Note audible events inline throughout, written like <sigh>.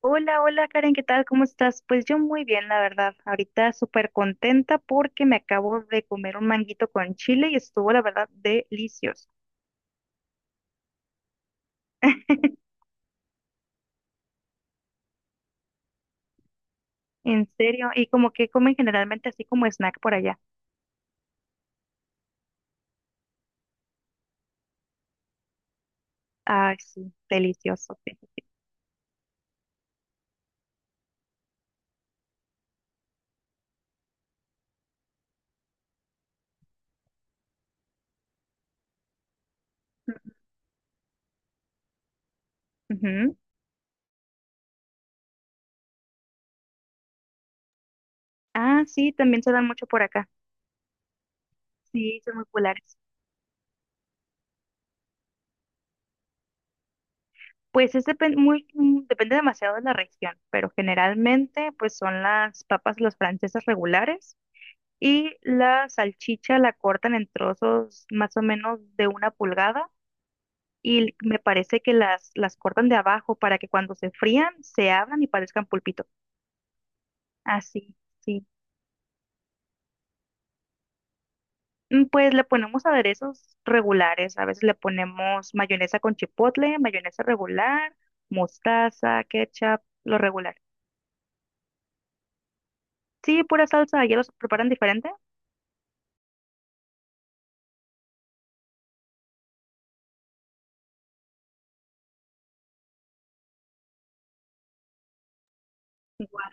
Hola, hola Karen, ¿qué tal? ¿Cómo estás? Pues yo muy bien, la verdad. Ahorita súper contenta porque me acabo de comer un manguito con chile y estuvo, la verdad, delicioso. <laughs> En serio, y como que comen generalmente así como snack por allá. Ay, sí, delicioso. Sí, sí, sí. Ujú. Ah, sí, también se dan mucho por acá. Sí, son muy populares. Pues es muy, depende demasiado de la región, pero generalmente pues son las papas, los franceses regulares. Y la salchicha la cortan en trozos más o menos de una pulgada y me parece que las cortan de abajo para que cuando se frían se abran y parezcan pulpito. Así, sí. Mm, pues le ponemos aderezos regulares. A veces le ponemos mayonesa con chipotle, mayonesa regular, mostaza, ketchup, lo regular. Sí, pura salsa, ya los preparan diferente. Guau.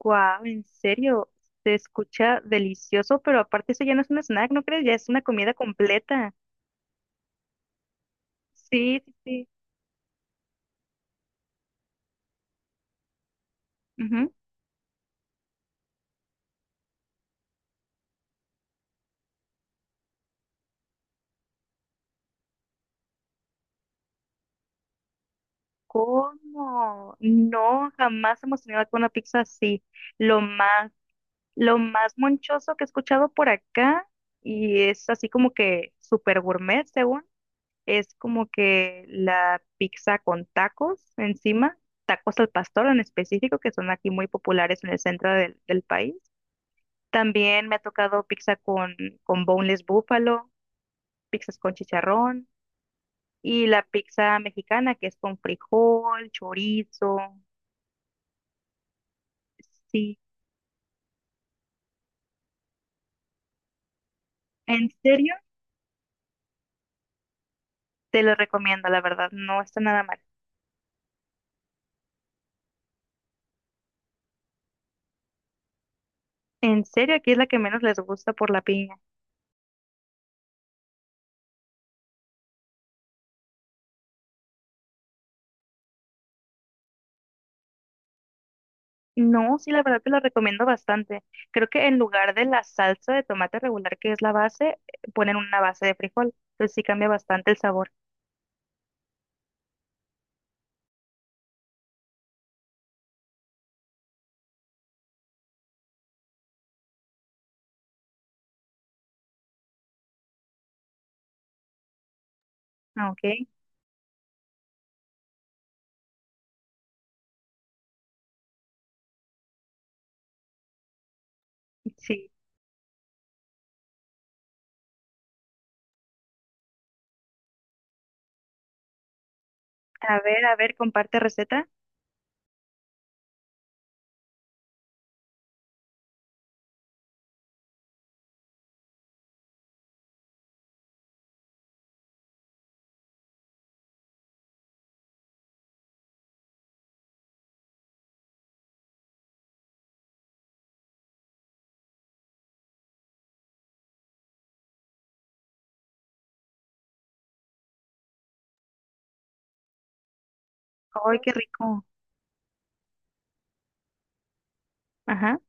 Guau, en serio, se escucha delicioso, pero aparte eso ya no es un snack, ¿no crees? Ya es una comida completa. Sí, sí, sí. Ujú. ¿Cómo? No, jamás hemos tenido acá una pizza así. Lo más, lo más monchoso que he escuchado por acá, y es así como que super gourmet, según, es como que la pizza con tacos encima, tacos al pastor en específico, que son aquí muy populares en el centro del país. También me ha tocado pizza con boneless búfalo, pizzas con chicharrón y la pizza mexicana que es con frijol, chorizo. Sí, en serio, te lo recomiendo, la verdad, no está nada mal. En serio, aquí es la que menos les gusta por la piña. No, sí, la verdad te lo recomiendo bastante. Creo que en lugar de la salsa de tomate regular que es la base, ponen una base de frijol. Entonces sí cambia bastante el sabor. Ah, ok, sí. A ver, comparte receta. ¡Ay, qué rico! Ajá.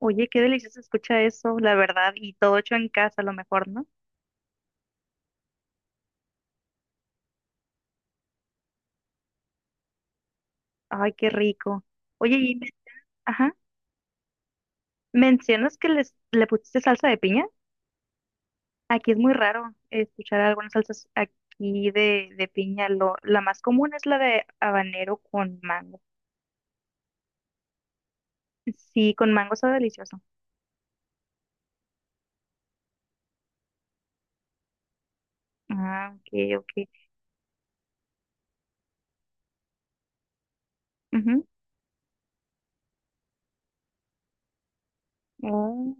Oye, qué delicioso se escucha eso, la verdad, y todo hecho en casa a lo mejor, ¿no? Ay, qué rico. Oye, ajá, ¿mencionas que les, le pusiste salsa de piña? Aquí es muy raro escuchar algunas salsas aquí de piña. Lo, la más común es la de habanero con mango. Sí, con mango está delicioso. Ah, ok, ok. Ujú. Oh.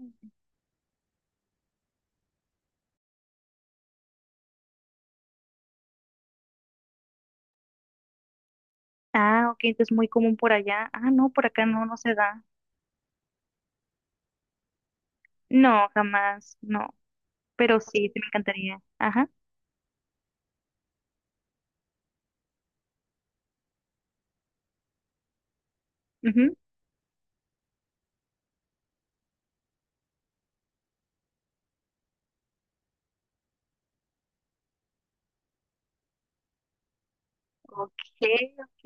Ah, ok, entonces muy común por allá. Ah, no, por acá no, no se da. No, jamás, no. Pero sí, sí me encantaría. Ajá. Ok, ok.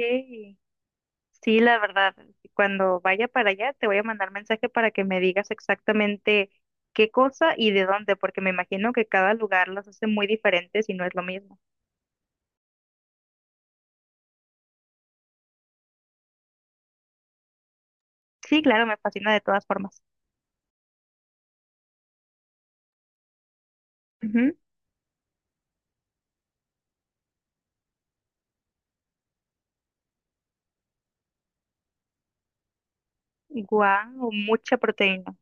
Sí, la verdad, cuando vaya para allá te voy a mandar mensaje para que me digas exactamente qué cosa y de dónde, porque me imagino que cada lugar las hace muy diferentes y no es lo mismo. Sí, claro, me fascina de todas formas. Guau, mucha proteína.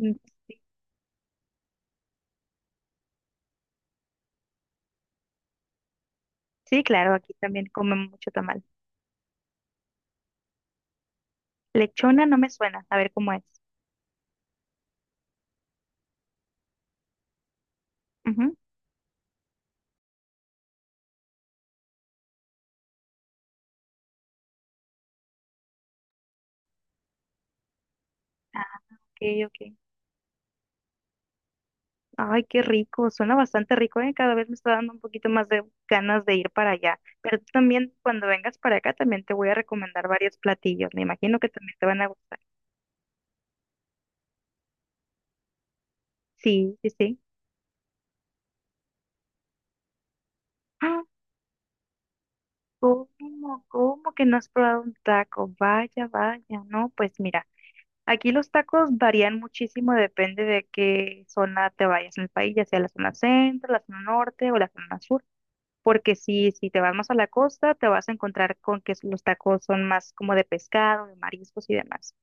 Mm, sí. Sí, claro, aquí también comen mucho tamal. Lechona no me suena, a ver cómo es. Ujú. Ah, ok, ok. Ay, qué rico, suena bastante rico, ¿eh? Cada vez me está dando un poquito más de ganas de ir para allá. Pero tú también, cuando vengas para acá, también te voy a recomendar varios platillos. Me imagino que también te van a gustar. Sí, sí, sí. Ah, ¿cómo? ¿Cómo que no has probado un taco? Vaya, vaya, no, pues mira, aquí los tacos varían muchísimo, depende de qué zona te vayas en el país, ya sea la zona centro, la zona norte o la zona sur. Porque si te vas más a la costa, te vas a encontrar con que los tacos son más como de pescado, de mariscos y demás.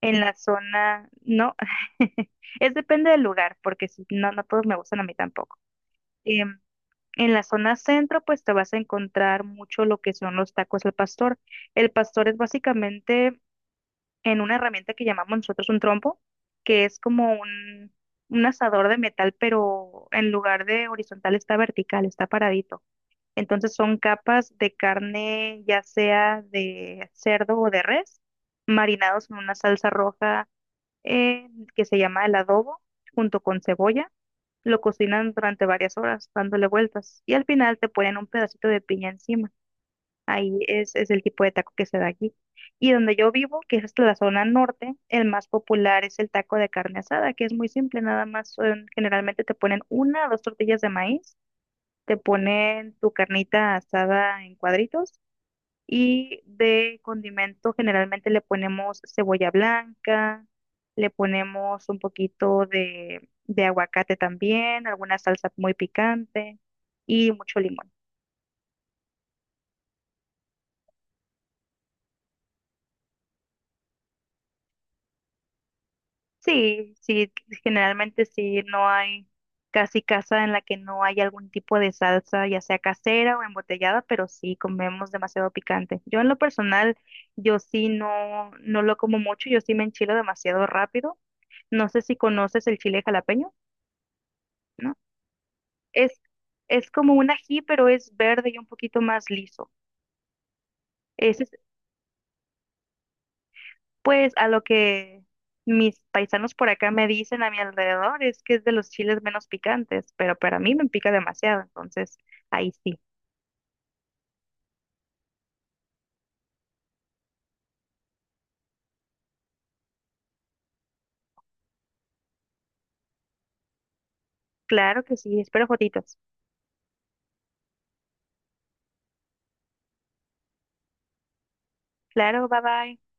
En la zona, no, <laughs> es depende del lugar, porque si, no, no todos me gustan a mí tampoco. Em, en la zona centro, pues te vas a encontrar mucho lo que son los tacos al pastor. El pastor es básicamente en una herramienta que llamamos nosotros un trompo, que es como un asador de metal, pero en lugar de horizontal está vertical, está paradito. Entonces son capas de carne, ya sea de cerdo o de res, marinados en una salsa roja eh, que se llama el adobo, junto con cebolla. Lo cocinan durante varias horas, dándole vueltas. Y al final te ponen un pedacito de piña encima. Ahí es el tipo de taco que se da aquí. Y donde yo vivo, que es hasta la zona norte, el más popular es el taco de carne asada, que es muy simple, nada más generalmente te ponen una o dos tortillas de maíz, te ponen tu carnita asada en cuadritos y de condimento generalmente le ponemos cebolla blanca, le ponemos un poquito de aguacate también, alguna salsa muy picante y mucho limón. Sí, sí, generalmente sí, no hay casi casa en la que no haya algún tipo de salsa, ya sea casera o embotellada, pero sí comemos demasiado picante. Yo en lo personal, yo sí no, no lo como mucho, yo sí me enchilo demasiado rápido. No sé si conoces el chile jalapeño, ¿no? Es, es como un ají, pero es verde y un poquito más liso. Ese, pues a lo que mis paisanos por acá me dicen a mi alrededor es que es de los chiles menos picantes, pero para mí me pica demasiado, entonces ahí sí. Claro que sí, espero fotitos. Claro, bye bye.